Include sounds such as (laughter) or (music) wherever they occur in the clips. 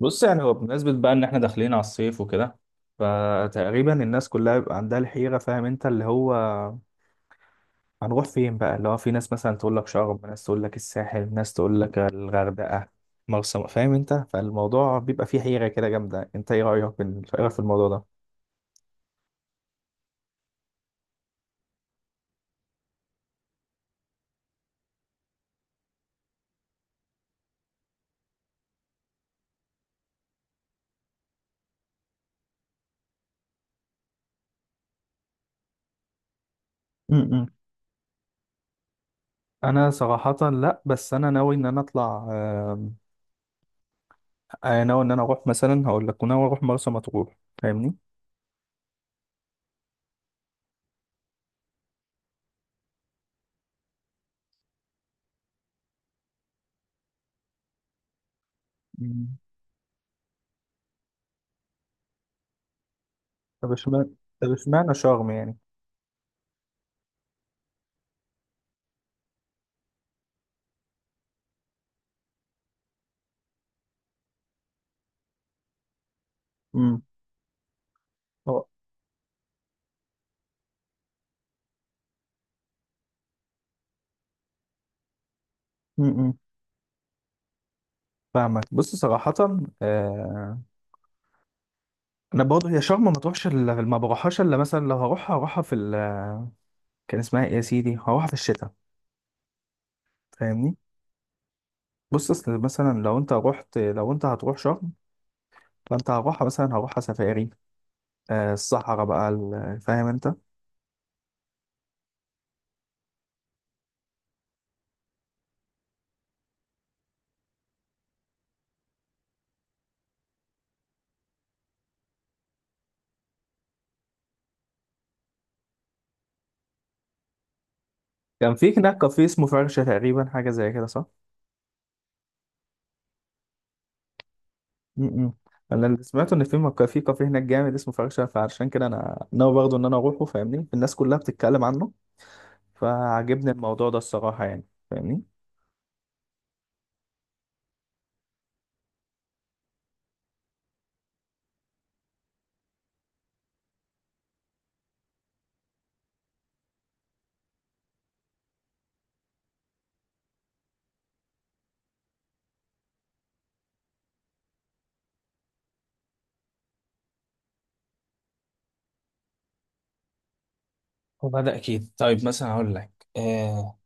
بص يعني هو بمناسبة بقى إن إحنا داخلين على الصيف وكده، فتقريبا الناس كلها بيبقى عندها الحيرة. فاهم أنت؟ اللي هو هنروح فين بقى؟ اللي هو في ناس مثلا تقول لك شرم، ناس تقول لك الساحل، ناس تقول لك الغردقة، مرسى. فاهم أنت؟ فالموضوع بيبقى فيه حيرة كده جامدة. أنت إيه رأيك في الموضوع ده؟ امم أنا صراحة لأ، بس أنا ناوي إن أنا أطلع. أنا ناوي إن أنا أروح، مثلا هقول لك، ناوي أروح مرسى مطروح. فاهمني؟ مم. طب اشمعنى طب اشمعنى شرم يعني؟ امم هو امم فاهمك. بص صراحة، آه. أنا برضه هي شرم ما بروحهاش إلا مثلا لو هروحها في ال كان اسمها إيه يا سيدي، هروحها في الشتاء. فاهمني؟ بص، أصل مثلا لو أنت هتروح شرم، فأنت هروحها مثلا هروحها سفاري. آه، الصحراء بقى. فاهم أنت؟ كان في هناك كافيه اسمه فرشة تقريبا، حاجة زي كده، صح؟ م -م. أنا اللي سمعته إن في كافيه هناك جامد اسمه فرشة. فعشان كده أنا ناوي برضه إن أنا أروحه. فاهمني؟ الناس كلها بتتكلم عنه، فعجبني الموضوع ده الصراحة يعني. فاهمني؟ هو ده اكيد. طيب، مثلا اقول لك،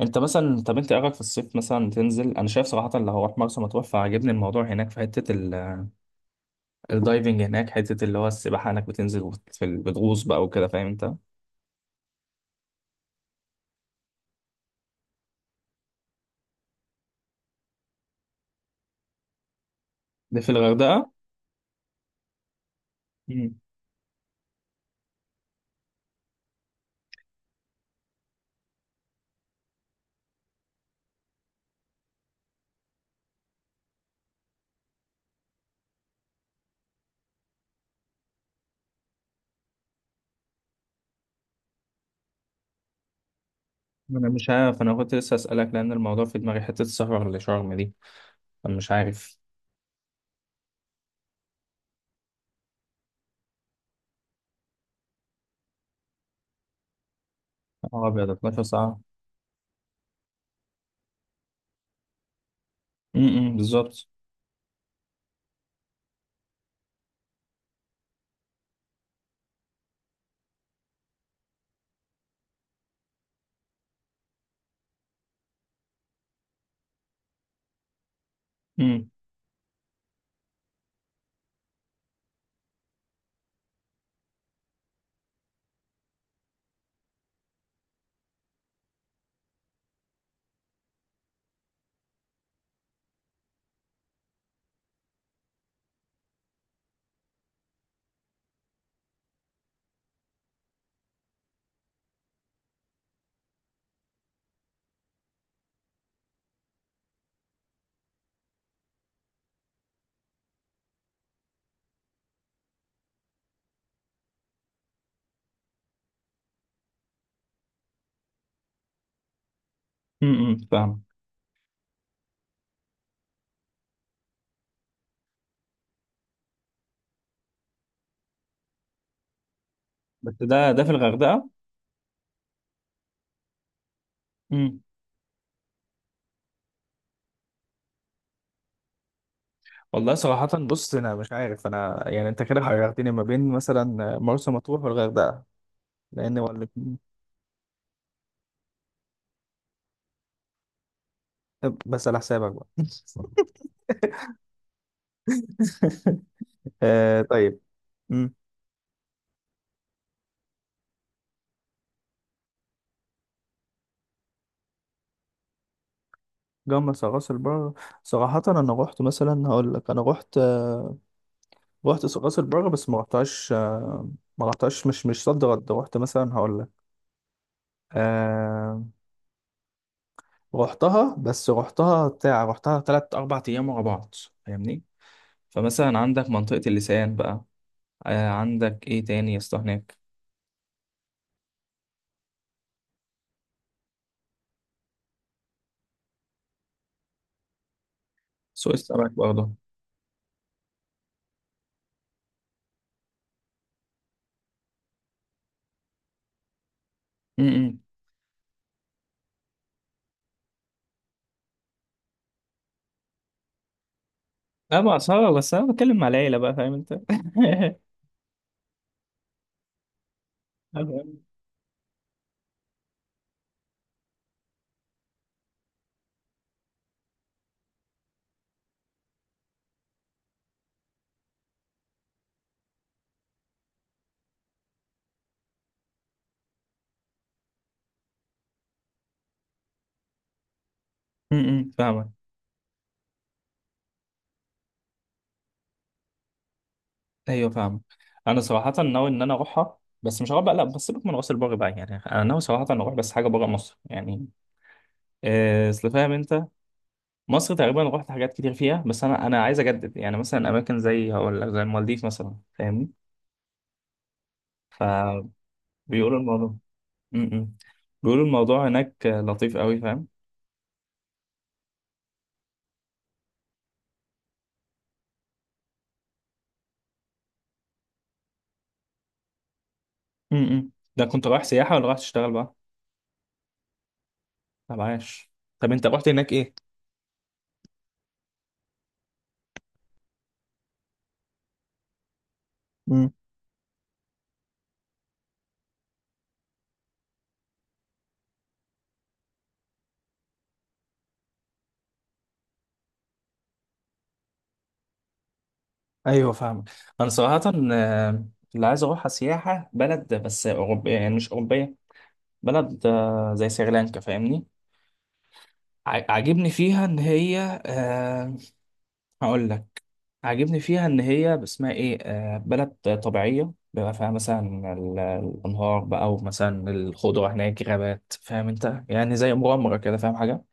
انت مثلا طب انت إيه رايك في الصيف مثلا تنزل؟ انا شايف صراحه اللي هروح مرسى مطروح، فعجبني الموضوع هناك في حته الدايفنج. هناك حته اللي هو السباحه، هناك بتنزل بتغوص بقى وكده. فاهم انت؟ ده في الغردقه؟ مم. انا مش عارف، انا كنت لسه اسالك، لان الموضوع في دماغي، حته السفر لشرم دي. انا مش عارف. اه ابيض، 12 ساعه؟ بالظبط. امم فاهم. بس ده في الغردقه؟ والله صراحة بص، أنا مش عارف. أنا يعني أنت كده حيرتني ما بين مثلا مرسى مطروح والغردقة، لأن هو الاتنين- طب بس على حسابك بقى. (laughs) آه، طيب. مم. جمصة راس البر؟ صراحة أنا رحت، مثلا هقول لك، أنا رحت. رحت راس البر، بس ما رحتهاش. ما رحتهاش مش صد رد. رحت، مثلا هقول لك، آه، رحتها، بس رحتها بتاع، رحتها تلات أربع أيام ورا بعض. فاهمني؟ فمثلا عندك منطقة اللسان بقى، آه. عندك ايه تاني يا اسطى هناك؟ سوق السمك برضه. امم لا بأسعار، بس انا بتكلم مع العيلة بقى. فاهم انت؟ (laughs) فاهمك. ايوه، فاهمك. انا صراحة ناوي ان انا اروحها، بس مش هروح بقى، لا. بس سيبك من راس البر بقى، يعني انا ناوي صراحة ان اروح، بس حاجة بره مصر يعني. اصل فاهم انت، مصر تقريبا رحت حاجات كتير فيها، بس انا عايز اجدد يعني، مثلا اماكن زي هقول لك زي المالديف مثلا. فاهمني؟ فبيقولوا الموضوع، امم بيقولوا الموضوع هناك لطيف قوي. فاهم؟ ده كنت رايح سياحة ولا رايح تشتغل بقى؟ طب عاش. طب انت رحت هناك ايه؟ امم ايوه فاهمك. انا صراحة، آه، اللي عايز اروحها سياحة بلد، بس اوروبية، يعني مش اوروبية. بلد، زي سريلانكا. فاهمني؟ عاجبني فيها ان هي. هقول لك، عاجبني فيها ان هي اسمها ايه، بلد طبيعية، بيبقى فيها مثلا الانهار بقى، ومثلا الخضرة، هناك غابات. فاهم انت؟ يعني زي مغامرة كده. فاهم حاجة؟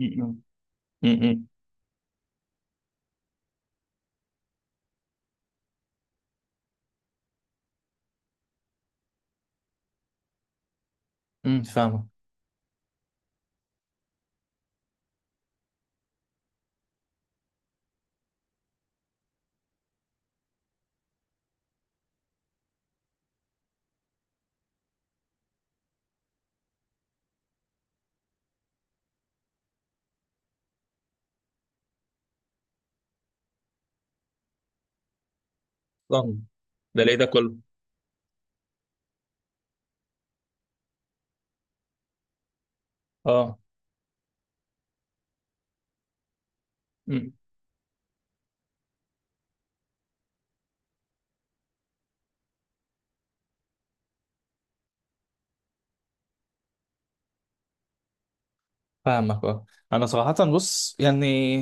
امم فاهمك. طبعا. ده ليه ده كله؟ اه. أمم، فاهمك. اه. انا صراحه بص يعني،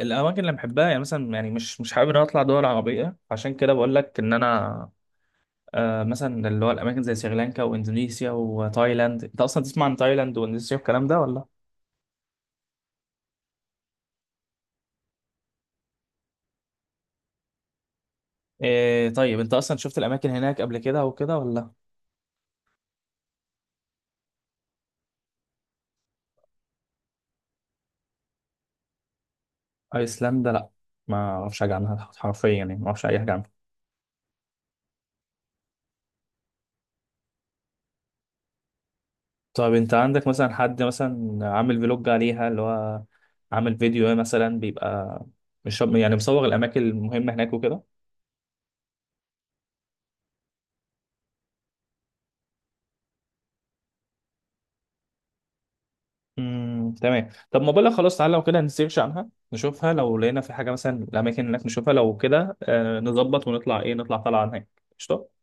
الاماكن اللي بحبها يعني، مثلا يعني مش حابب ان انا اطلع دول عربيه. عشان كده بقول لك ان انا، مثلا اللي هو الاماكن زي سريلانكا واندونيسيا وتايلاند. انت اصلا تسمع عن تايلاند واندونيسيا والكلام ده ولا؟ إيه، طيب. انت اصلا شفت الاماكن هناك قبل كده وكده ولا؟ ايسلندا، لا. ما اعرفش حاجه عنها حرفيا، يعني ما اعرفش اي حاجه عنها. طب انت عندك مثلا حد مثلا عامل فلوج عليها، اللي هو عامل فيديو مثلا بيبقى، مش يعني، مصور الاماكن المهمه هناك وكده؟ تمام. طب ما بقولك، خلاص، تعالى لو كده نسيرش عنها نشوفها، لو لقينا في حاجه مثلا الاماكن هناك نشوفها، لو كده آه نظبط، ونطلع ايه، نطلع طالعه هناك. قشطه.